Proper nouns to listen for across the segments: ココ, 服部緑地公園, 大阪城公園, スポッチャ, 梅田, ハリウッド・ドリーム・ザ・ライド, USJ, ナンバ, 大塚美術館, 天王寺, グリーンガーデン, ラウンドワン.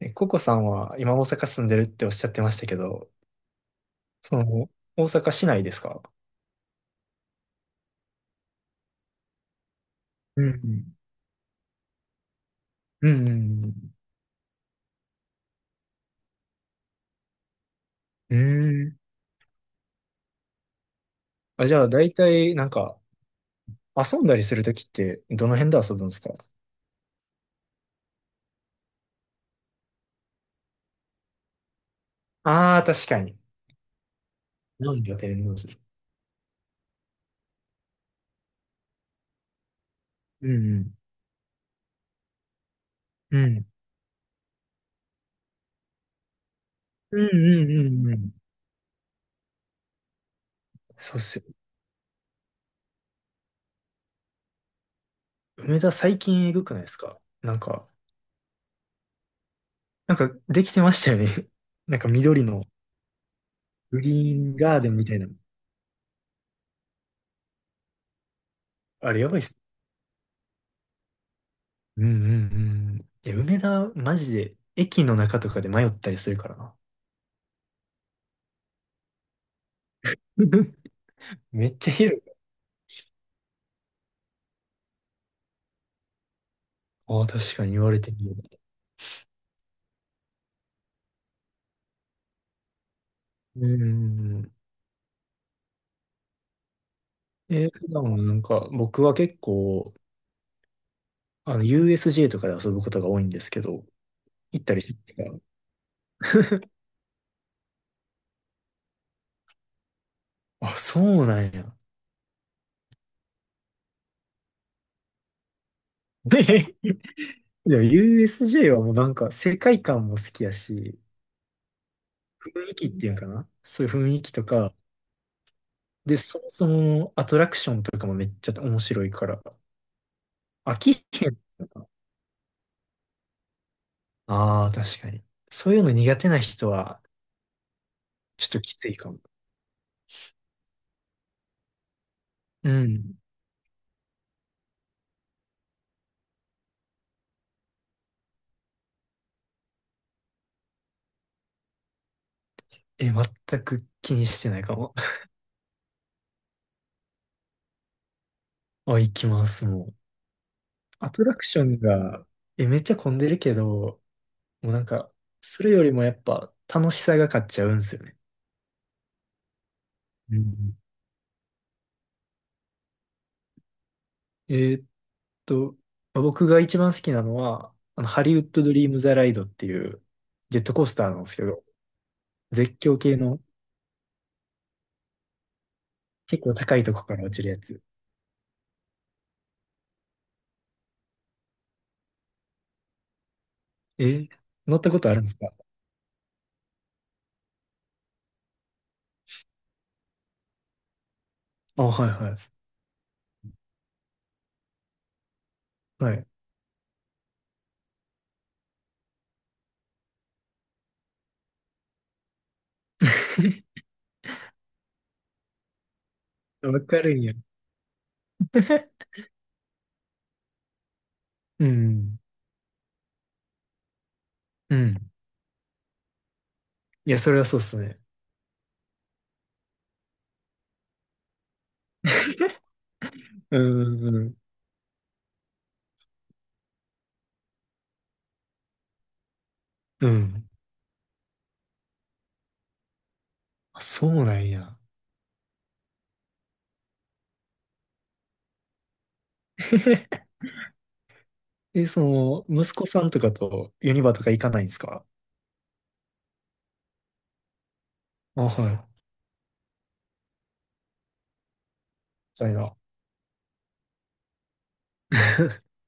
ココさんは今大阪住んでるっておっしゃってましたけど、その、大阪市内ですか？うん。うんうんうん。うーん。あ、じゃあ大体なんか遊んだりするときってどの辺で遊ぶんですか？ああー、確かに。なんだ天王寺。うんうん。うん。うんうんうんうん。そうっすよ。梅田最近えぐくないですか？なんか、なんかできてましたよね。なんか緑のグリーンガーデンみたいな。あれやばいっすね。うんうんうん。いや、梅田、マジで、駅の中とかで迷ったりするからな。めっちゃ広い。ああ、確かに言われてみれば。うん。普段はなんか、僕は結構、USJ とかで遊ぶことが多いんですけど、行ったりしてたから。あ、そうなんや。で、でも USJ はもうなんか、世界観も好きやし、雰囲気っていうんかな。そういう雰囲気とか、で、そもそもアトラクションとかもめっちゃ面白いから、飽きへん。ああ、確かに。そういうの苦手な人は、ちょっときついかも。うん。え、全く気にしてないかも。あ、行きます、もう。アトラクションが、めっちゃ混んでるけど、もうなんか、それよりもやっぱ楽しさが勝っちゃうんですよね。うん。えーっと、まあ僕が一番好きなのは、ハリウッド・ドリーム・ザ・ライドっていうジェットコースターなんですけど、絶叫系の結構高いとこから落ちるやつ。えー乗ったことあるんですか？あ、はいはい。はい。わかるんや。うん。うん。いや、それはそうっすね。うん。うん。うん。あ、そうなんや。息子さんとかとユニバとか行かないんですか？あ、はい。みたいな。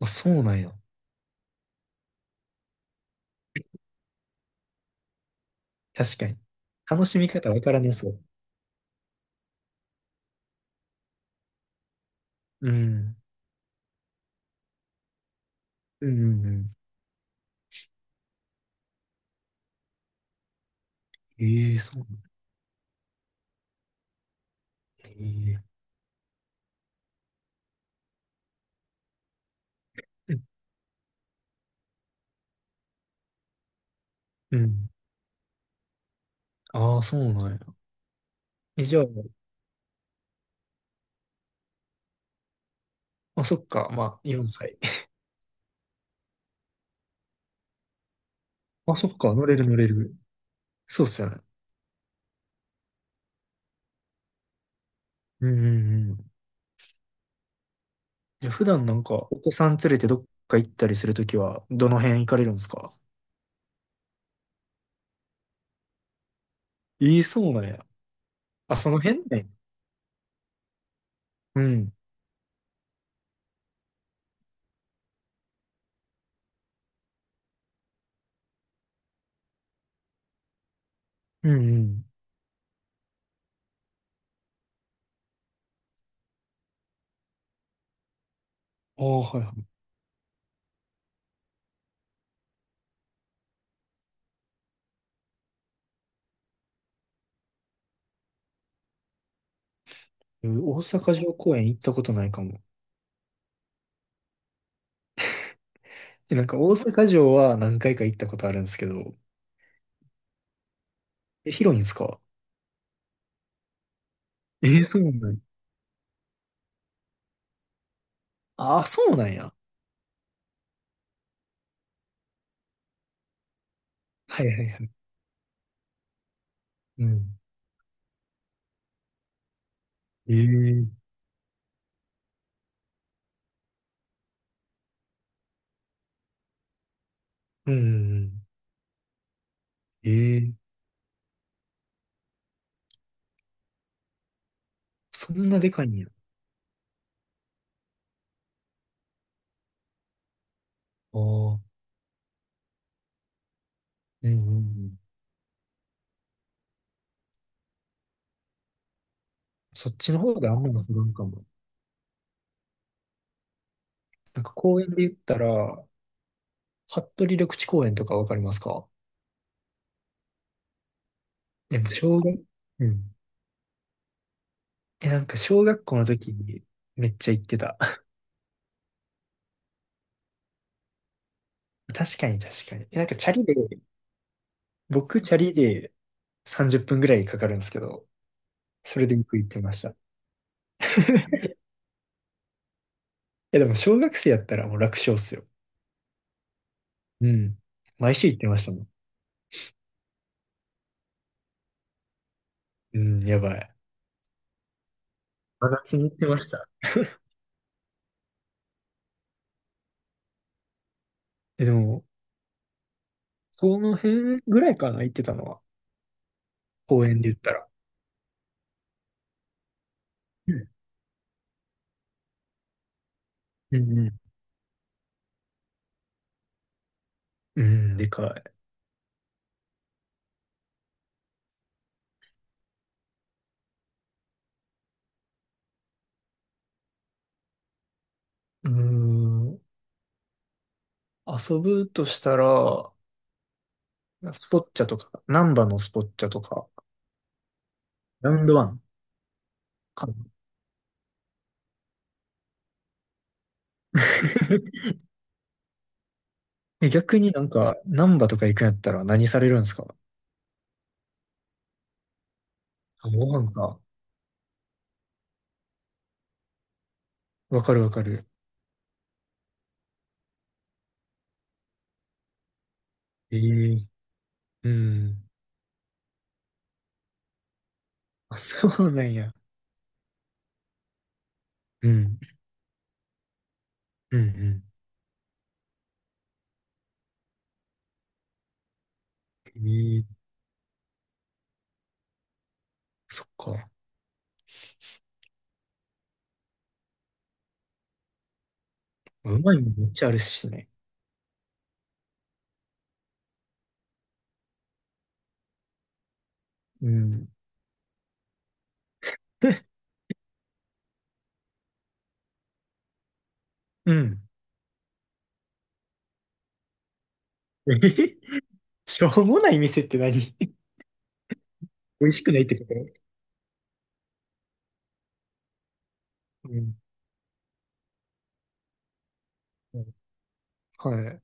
あ、そうなんや。確かに。楽しみ方わからねそう。うん。うんうんうん。ええ。そうなんだ。ええ。うん。ああ、そうなんや。じゃあ、あ、そっか。まあ、4歳。あ、そっか。乗れる乗れる。そうっすよね。うんうんうん。じゃあ普段なんか、お子さん連れてどっか行ったりするときは、どの辺行かれるんですか？ええ、そうなんや。あ、その辺ね。うん。うんうん。ああ、はいはい。大阪城公園行ったことないかも。なんか大阪城は何回か行ったことあるんですけど、広いんですか？えー、そうなんや。ああ、そうなんや。はいはいはい。うん。ええ。うんうんうん。ええ。そんなでかいんや。ああ。うんうんうん。そっちの方であんまりするんかも。なんか公園で言ったら、服部緑地公園とかわかりますか？やっぱ小学、うん。なんか小学校の時にめっちゃ行ってた。確かに確かに。なんかチャリで、僕チャリで30分ぐらいかかるんですけど、それでよく行ってました。でも小学生やったらもう楽勝っすよ。うん。毎週行ってましたもん。うん、やばい。真夏に行ってました。でも、この辺ぐらいかな、行ってたのは。公園で言ったら。うん。うんうん。うん、でかい。うーん。遊ぶとしたら、スポッチャとか、ナンバのスポッチャとか、ラウンドワンかな。逆になんか、ナンバとか行くんやったら何されるんですか？あ、ご飯か。わかるわかる。ええ。うん。あ、そうなんや。うん。うんうん。ええ。そっか。うまいもんめっちゃあるしね。うん。で、うん。えへ、しょうもない店って何？ 美味しくないってこと？うん。うん。はい。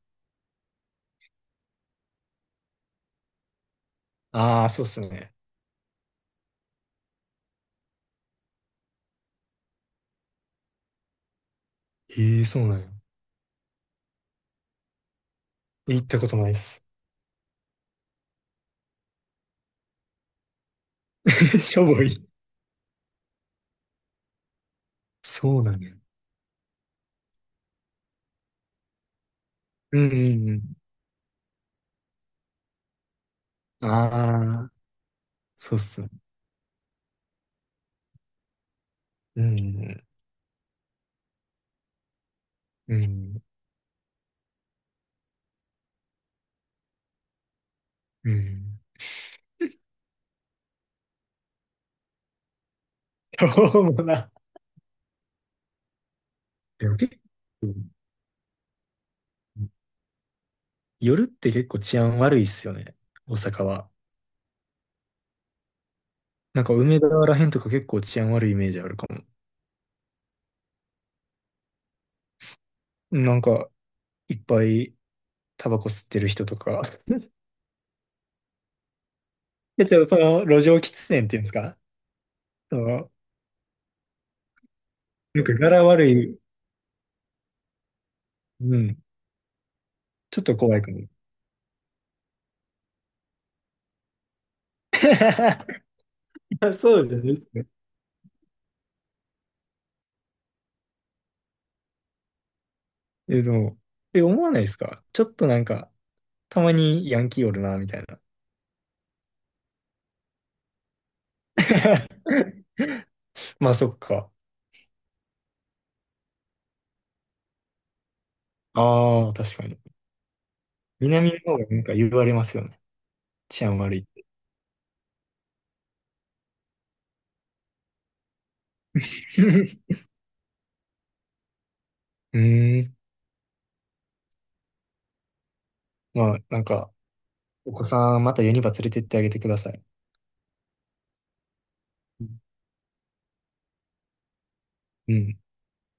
ああ、そうっすね。ええ、そうなんや。行ったことないっす。しょぼい。そうなんだよ。うんうんうん。ああ、そうっすね。うんうん。うんうん。そうもな。でも結構、夜って結構治安悪いっすよね。大阪は。なんか梅田らへんとか結構治安悪いイメージあるかも。なんか、いっぱいタバコ吸ってる人とか。で、ちょっとその路上喫煙っていうんですか？その、なんか柄悪い。うん。ちょっと怖いかも。いや、そうじゃないですね。でも、思わないですかちょっとなんか、たまにヤンキーおるな、みたいな。まあそっか。ああ、確かに。南の方がなんか言われますよね。治安悪いって。うーん。まあなんか、お子さんまたユニバ連れてってあげてください。うん。